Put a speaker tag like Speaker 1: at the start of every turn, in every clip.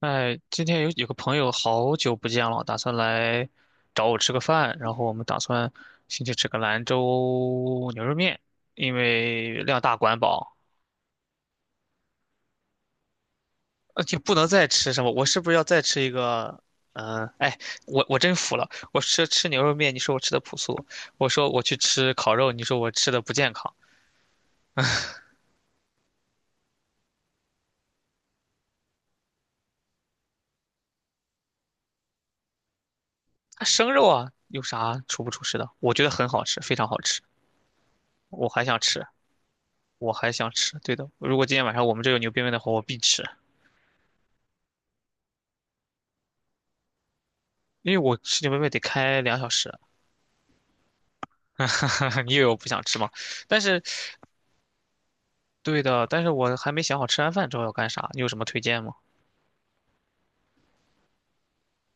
Speaker 1: 哎，今天有个朋友好久不见了，打算来找我吃个饭，然后我们打算先去吃个兰州牛肉面，因为量大管饱，而且不能再吃什么。我是不是要再吃一个？嗯、哎，我真服了，我吃牛肉面，你说我吃的朴素，我说我去吃烤肉，你说我吃的不健康。啊生肉啊，有啥出不出事的？我觉得很好吃，非常好吃，我还想吃，我还想吃。对的，如果今天晚上我们这有牛鞭面的话，我必吃。因为我吃牛排面得开2小时，你以为我不想吃吗？但是，对的，但是我还没想好吃完饭之后要干啥，你有什么推荐吗？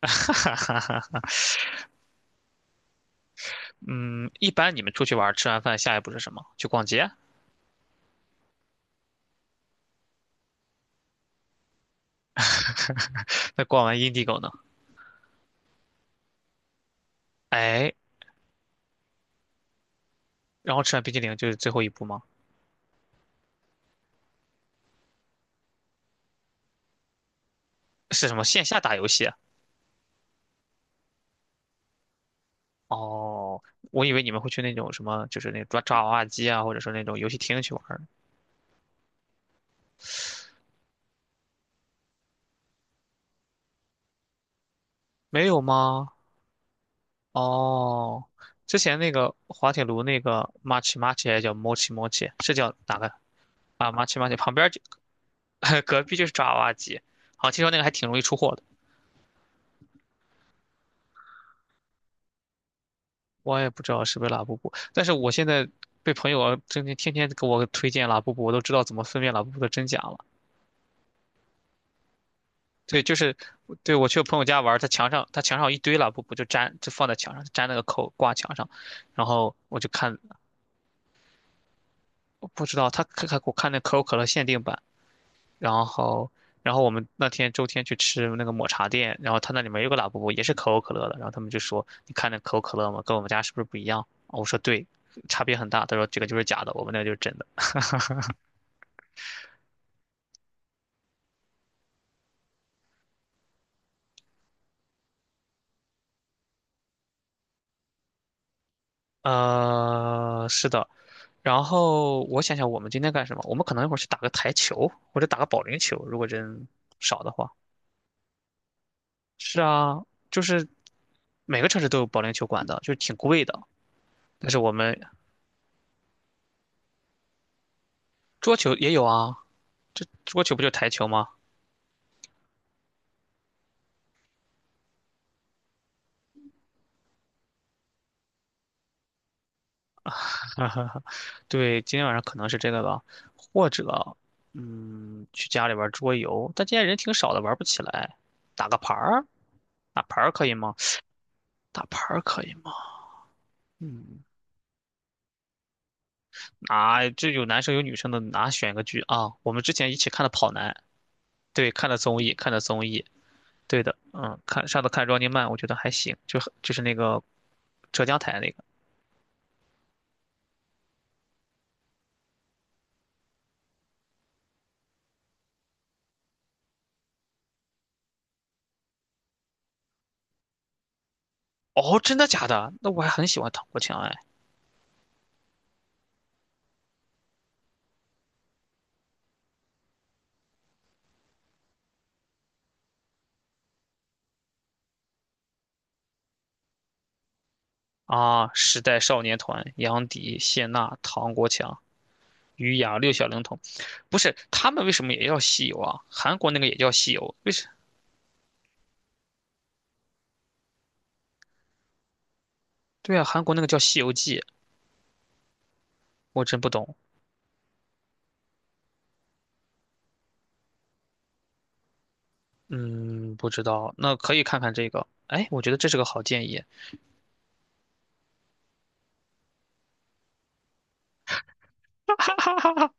Speaker 1: 嗯，一般你们出去玩，吃完饭下一步是什么？去逛街？那逛完 Indigo 呢？哎，然后吃完冰激凌就是最后一步吗？是什么线下打游戏啊？哦，我以为你们会去那种什么，就是那种抓娃娃机啊，或者说那种游戏厅去玩儿没有吗？哦，之前那个滑铁卢那个 Machi Machi 还叫 Mochi Mochi，是叫哪个啊？Machi Machi 旁边儿就 隔壁就是爪哇鸡，好像听说那个还挺容易出货的。我也不知道是不是拉布布，但是我现在被朋友天天给我推荐拉布布，我都知道怎么分辨拉布布的真假了。对，就是对我去我朋友家玩儿他墙上有一堆拉布布，就粘就放在墙上，粘那个扣挂墙上，然后我就看，我不知道他看我看那可口可乐限定版。然后，然后我们那天周天去吃那个抹茶店，然后他那里面有个拉布布，也是可口可乐的。然后他们就说：“你看那可口可乐吗？跟我们家是不是不一样？”我说：“对，差别很大。”他说：“这个就是假的，我们那个就是真的。”是的。然后我想想，我们今天干什么？我们可能一会儿去打个台球，或者打个保龄球，如果人少的话。是啊，就是每个城市都有保龄球馆的，就是挺贵的。但是我们桌球也有啊，这桌球不就是台球吗？哈哈哈，对，今天晚上可能是这个吧，或者，嗯，去家里玩桌游，但今天人挺少的，玩不起来。打个牌儿，打牌儿可以吗？打牌儿可以吗？嗯，啊，这有男生有女生的，哪选个剧啊？我们之前一起看的《跑男》，对，看的综艺，看的综艺，对的，嗯，看上次看 Running Man，我觉得还行，就是那个浙江台那个。哦，真的假的？那我还很喜欢唐国强哎。啊，时代少年团，杨迪、谢娜、唐国强。鱼羊六小龄童，不是他们为什么也叫西游啊？韩国那个也叫西游，为什？对啊，韩国那个叫《西游记》，我真不懂。嗯，不知道，那可以看看这个。哎，我觉得这是个好建议。哈哈哈哈，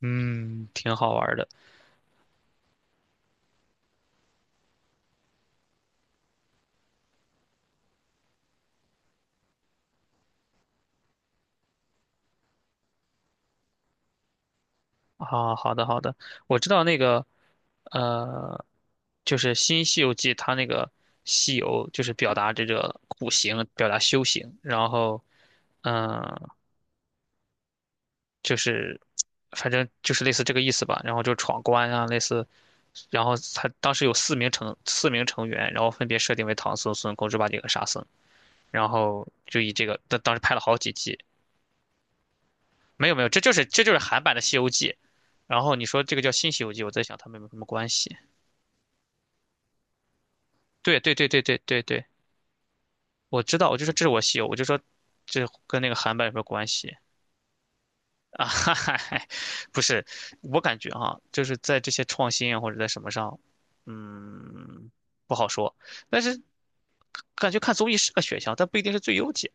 Speaker 1: 嗯，挺好玩的啊。好的，好的，我知道那个，呃，就是《新西游记》，它那个西游就是表达这个苦行，表达修行，然后，嗯、就是反正就是类似这个意思吧。然后就闯关啊，类似，然后他当时有四名成员，然后分别设定为唐僧、孙悟空、猪八戒和沙僧，然后就以这个，当时拍了好几季。没有没有，这就是韩版的《西游记》。然后你说这个叫新《西游记》，我在想他们有没有什么关系？对对对对对对对，我知道，我就说这是我西游，我就说这跟那个韩版有什么关系？啊，哈哈，不是，我感觉哈、就是在这些创新啊或者在什么上，嗯，不好说。但是感觉看综艺是个选项，但不一定是最优解。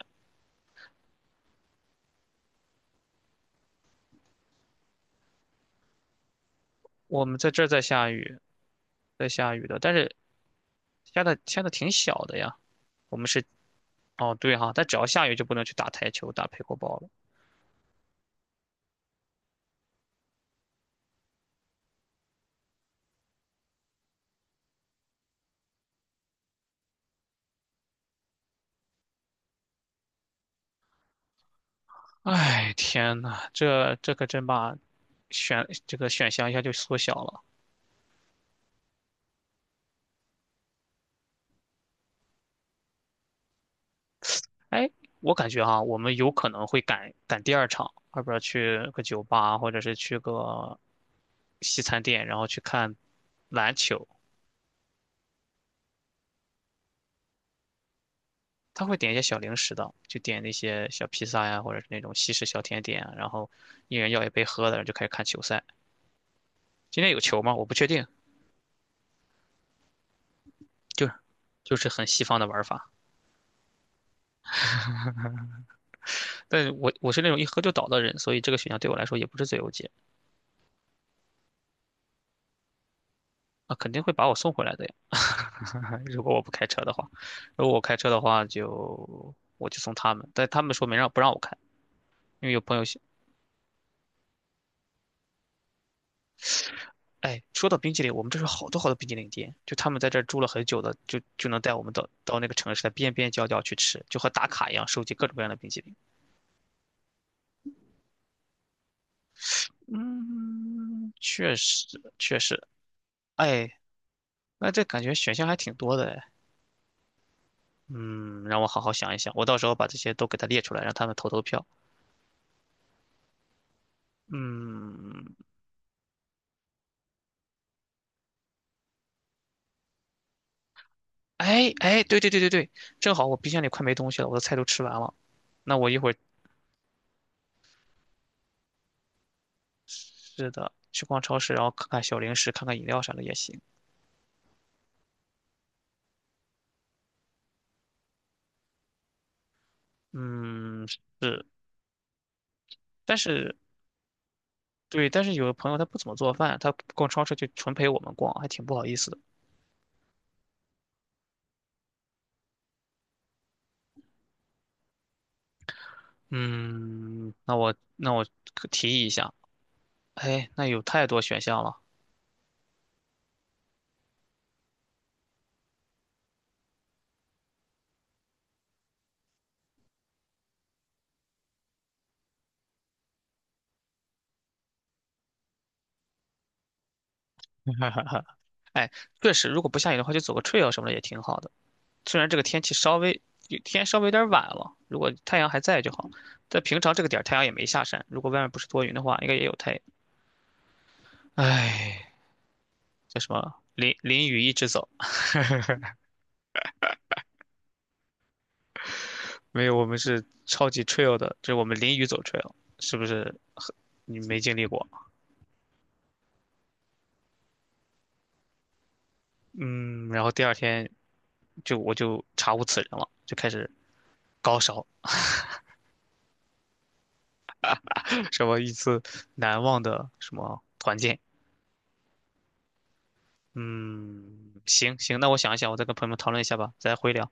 Speaker 1: 我们在这儿在下雨，在下雨的，但是下的挺小的呀。我们是哦，对哈、但只要下雨就不能去打台球、打配过包了。哎，天呐，这可真把选这个选项一下就缩小了。哎，我感觉哈，我们有可能会赶第二场，要不然去个酒吧，或者是去个西餐店，然后去看篮球。他会点一些小零食的，就点那些小披萨呀，或者是那种西式小甜点啊，然后一人要一杯喝的，然后就开始看球赛。今天有球吗？我不确定，就是就是很西方的玩法。但我是那种一喝就倒的人，所以这个选项对我来说也不是最优解啊，肯定会把我送回来的呀。如果我不开车的话，如果我开车的话就我就送他们，但他们说没让不让我开，因为有朋友喜，哎，说到冰淇淋，我们这是好多好多冰淇淋店，就他们在这儿住了很久的，就能带我们到那个城市的边边角角去吃，就和打卡一样，收集各种各样的冰淇淋。嗯，确实确实，哎，那这感觉选项还挺多的哎。嗯，让我好好想一想，我到时候把这些都给他列出来，让他们投投票。嗯，哎哎，对对对对对，正好我冰箱里快没东西了，我的菜都吃完了。那我一会儿，是的，去逛超市，然后看看小零食，看看饮料啥的也行。嗯，是，但是对，但是有的朋友他不怎么做饭，他逛超市就纯陪我们逛，还挺不好意思的。嗯，那我可提议一下，哎，那有太多选项了，哎，确实，如果不下雨的话，就走个 trail 什么的也挺好的。虽然这个天稍微有点晚了，如果太阳还在就好。但平常这个点儿太阳也没下山，如果外面不是多云的话，应该也有太阳。唉，叫什么？淋淋雨一直走。没有，我们是超级 trail 的，就是我们淋雨走 trail，是不是很你没经历过？嗯，然后第二天我就查无此人了，就开始高烧，什么一次难忘的什么团建。嗯，行行，那我想一想，我再跟朋友们讨论一下吧，再回聊。